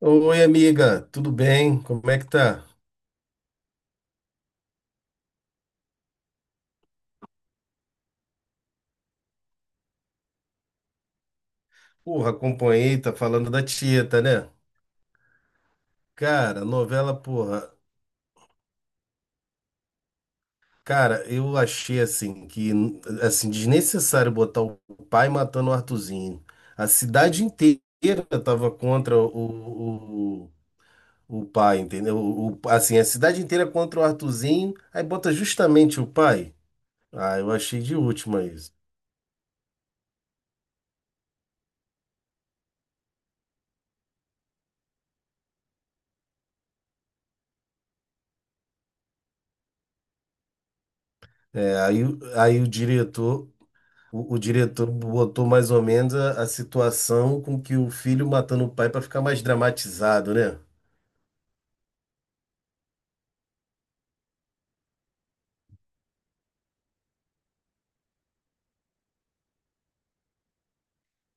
Oi, amiga, tudo bem? Como é que tá? Porra, acompanhei, tá falando da Tieta, né? Cara, novela, porra. Cara, eu achei assim que assim desnecessário botar o pai matando o Arthurzinho. A cidade inteira tava contra o pai, entendeu? Assim, a cidade inteira contra o Arthurzinho, aí bota justamente o pai. Ah, eu achei de última isso. É, aí o diretor. O diretor botou mais ou menos a situação com que o filho matando o pai para ficar mais dramatizado, né?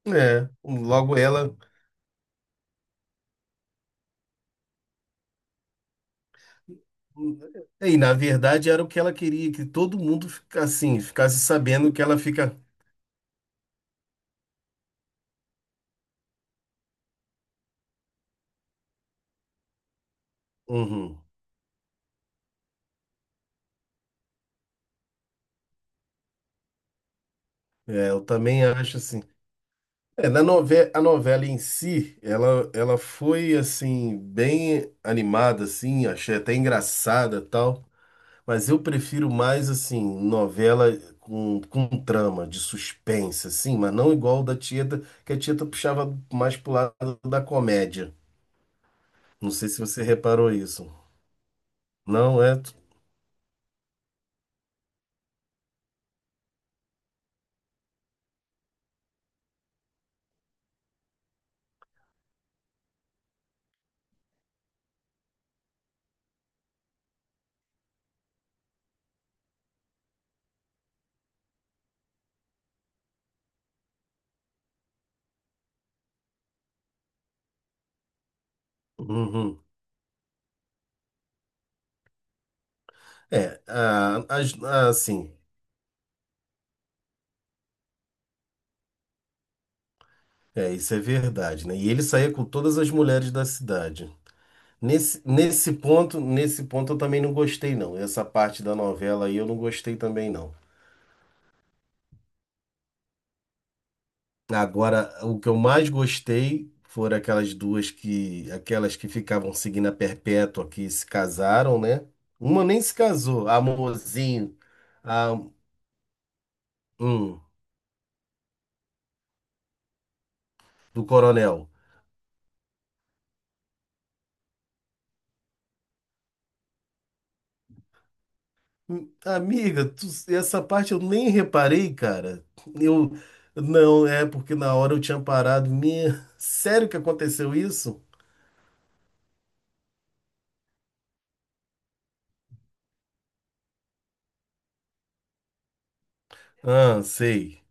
É, logo ela. É, e na verdade era o que ela queria, que todo mundo ficasse assim, ficasse sabendo que ela fica. Uhum. É, eu também acho assim. A novela em si, ela foi assim, bem animada, assim, achei até engraçada tal. Mas eu prefiro mais, assim, novela com trama, de suspense, assim, mas não igual da Tieta, que a Tieta puxava mais pro lado da comédia. Não sei se você reparou isso. Não é? Uhum. Assim, é, isso é verdade, né? E ele saía com todas as mulheres da cidade. Nesse ponto eu também não gostei, não. Essa parte da novela aí eu não gostei também, não. Agora, o que eu mais gostei foram aquelas que ficavam seguindo a perpétua, que se casaram, né? Uma nem se casou, a Mozinho, a um, do Coronel. Amiga, essa parte eu nem reparei, cara. Eu, não, é porque na hora eu tinha parado. Minha, sério que aconteceu isso? Ah, sei.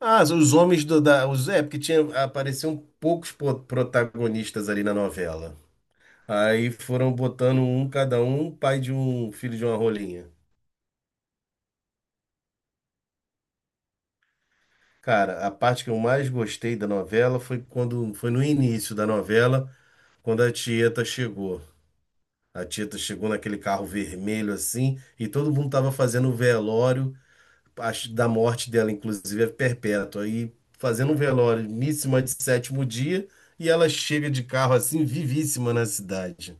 Ah, os homens é, porque tinha, apareciam protagonistas ali na novela. Aí foram botando um, cada um, pai de um filho de uma rolinha. Cara, a parte que eu mais gostei da novela foi quando foi no início da novela, quando a Tieta chegou. A Tieta chegou naquele carro vermelho assim, e todo mundo tava fazendo o velório acho, da morte dela, inclusive é perpétua. E fazendo um velório, missa de sétimo dia, e ela chega de carro assim, vivíssima na cidade.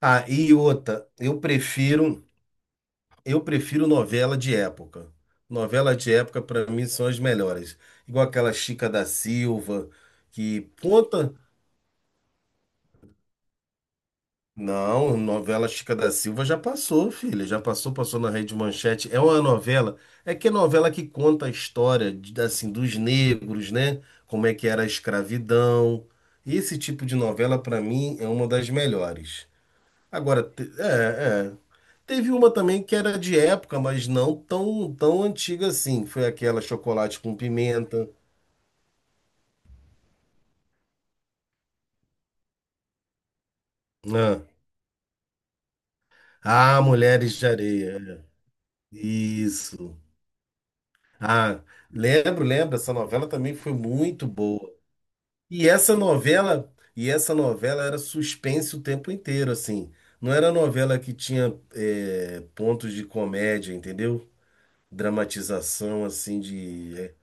Ah, e outra, eu prefiro. Eu prefiro novela de época. Novela de época, para mim, são as melhores. Igual aquela Chica da Silva, que conta. Não, novela Chica da Silva já passou, filha. Já passou, passou na Rede Manchete. É uma novela. É que é novela que conta a história, assim, dos negros, né? Como é que era a escravidão. Esse tipo de novela, para mim, é uma das melhores. Agora, é, é. Teve uma também que era de época, mas não tão antiga assim. Foi aquela chocolate com pimenta. Né? Ah, Mulheres de Areia. É. Isso. Ah, lembro, essa novela também foi muito boa. E essa novela era suspense o tempo inteiro, assim. Não era novela que tinha é, pontos de comédia, entendeu? Dramatização, assim, de... é,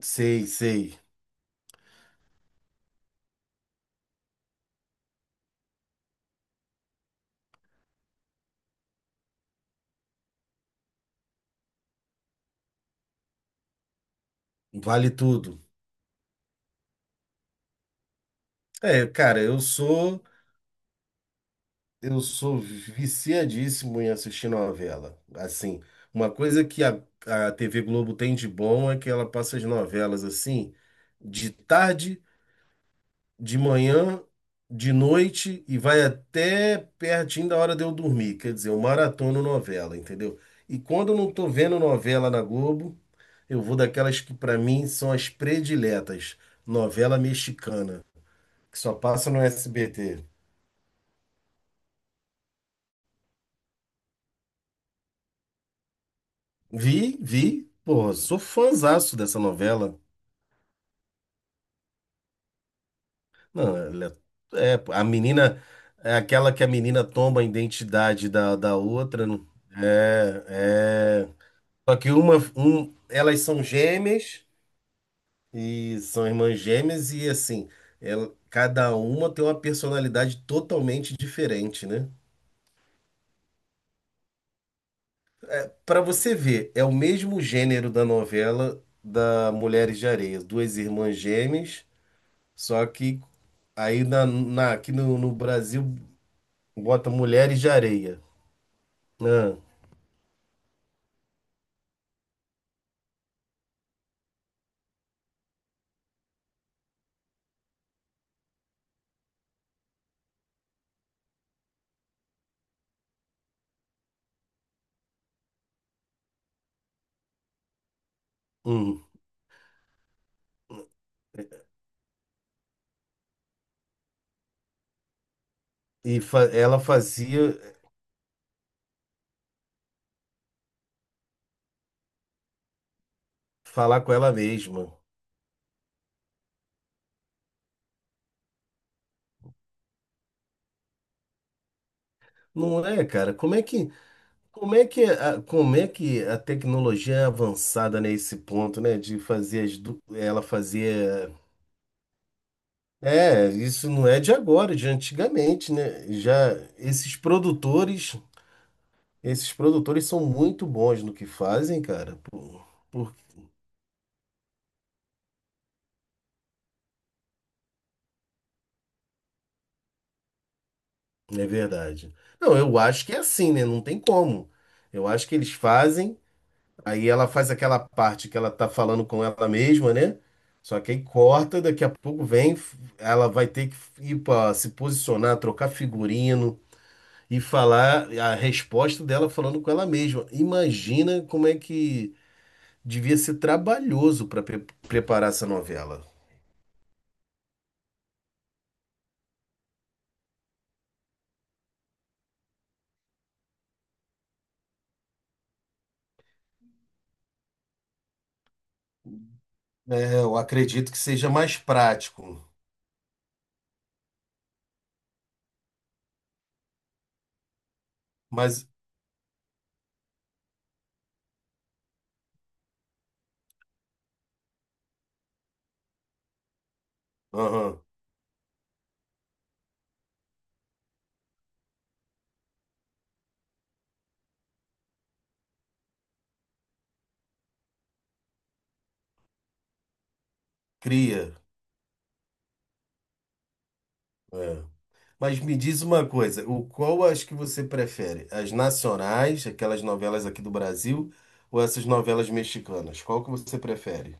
sei, sei. Vale tudo. É, cara, eu sou viciadíssimo em assistir novela. Assim, uma coisa que a TV Globo tem de bom é que ela passa as novelas assim, de tarde, de manhã, de noite e vai até pertinho da hora de eu dormir. Quer dizer, eu maratono novela, entendeu? E quando eu não tô vendo novela na Globo, eu vou daquelas que pra mim são as prediletas, novela mexicana, que só passa no SBT. Vi, vi. Pô, sou fãzaço dessa novela. Não, ela é, é, a menina é aquela que a menina toma a identidade da outra. Não. É, é. Só que uma, um, elas são gêmeas e são irmãs gêmeas e assim, ela, cada uma tem uma personalidade totalmente diferente, né? Para você ver, é o mesmo gênero da novela da Mulheres de Areia, duas irmãs gêmeas. Só que aqui no Brasil bota Mulheres de Areia. Ah, hum. Ela fazia falar com ela mesma. Não é, cara? Como é que, a, como é que a tecnologia é avançada nesse ponto, né? De fazer ela fazia. É, isso não é de agora, é de antigamente, né? Esses produtores são muito bons no que fazem, cara. Por- Porque é verdade. Não, eu acho que é assim, né? Não tem como. Eu acho que eles fazem, aí ela faz aquela parte que ela tá falando com ela mesma, né? Só que aí corta, daqui a pouco vem, ela vai ter que ir pra se posicionar, trocar figurino e falar a resposta dela falando com ela mesma. Imagina como é que devia ser trabalhoso para preparar essa novela. É, eu acredito que seja mais prático, mas aham, cria. Mas me diz uma coisa, o qual as que você prefere? As nacionais, aquelas novelas aqui do Brasil, ou essas novelas mexicanas? Qual que você prefere?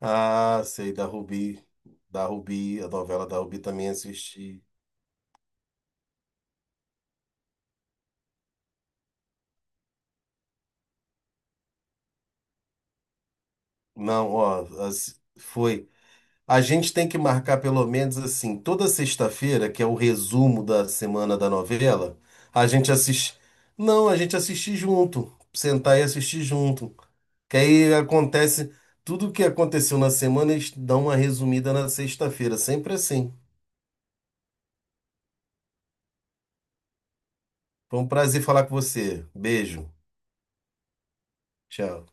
Ah, sei, da Rubi. Da Rubi, a novela da Rubi também assisti. Não, ó, as- foi. A gente tem que marcar pelo menos assim, toda sexta-feira, que é o resumo da semana da novela, a gente assiste. Não, a gente assiste junto. Sentar e assistir junto. Que aí acontece tudo o que aconteceu na semana, eles dão uma resumida na sexta-feira. Sempre assim. Foi um prazer falar com você. Beijo. Tchau.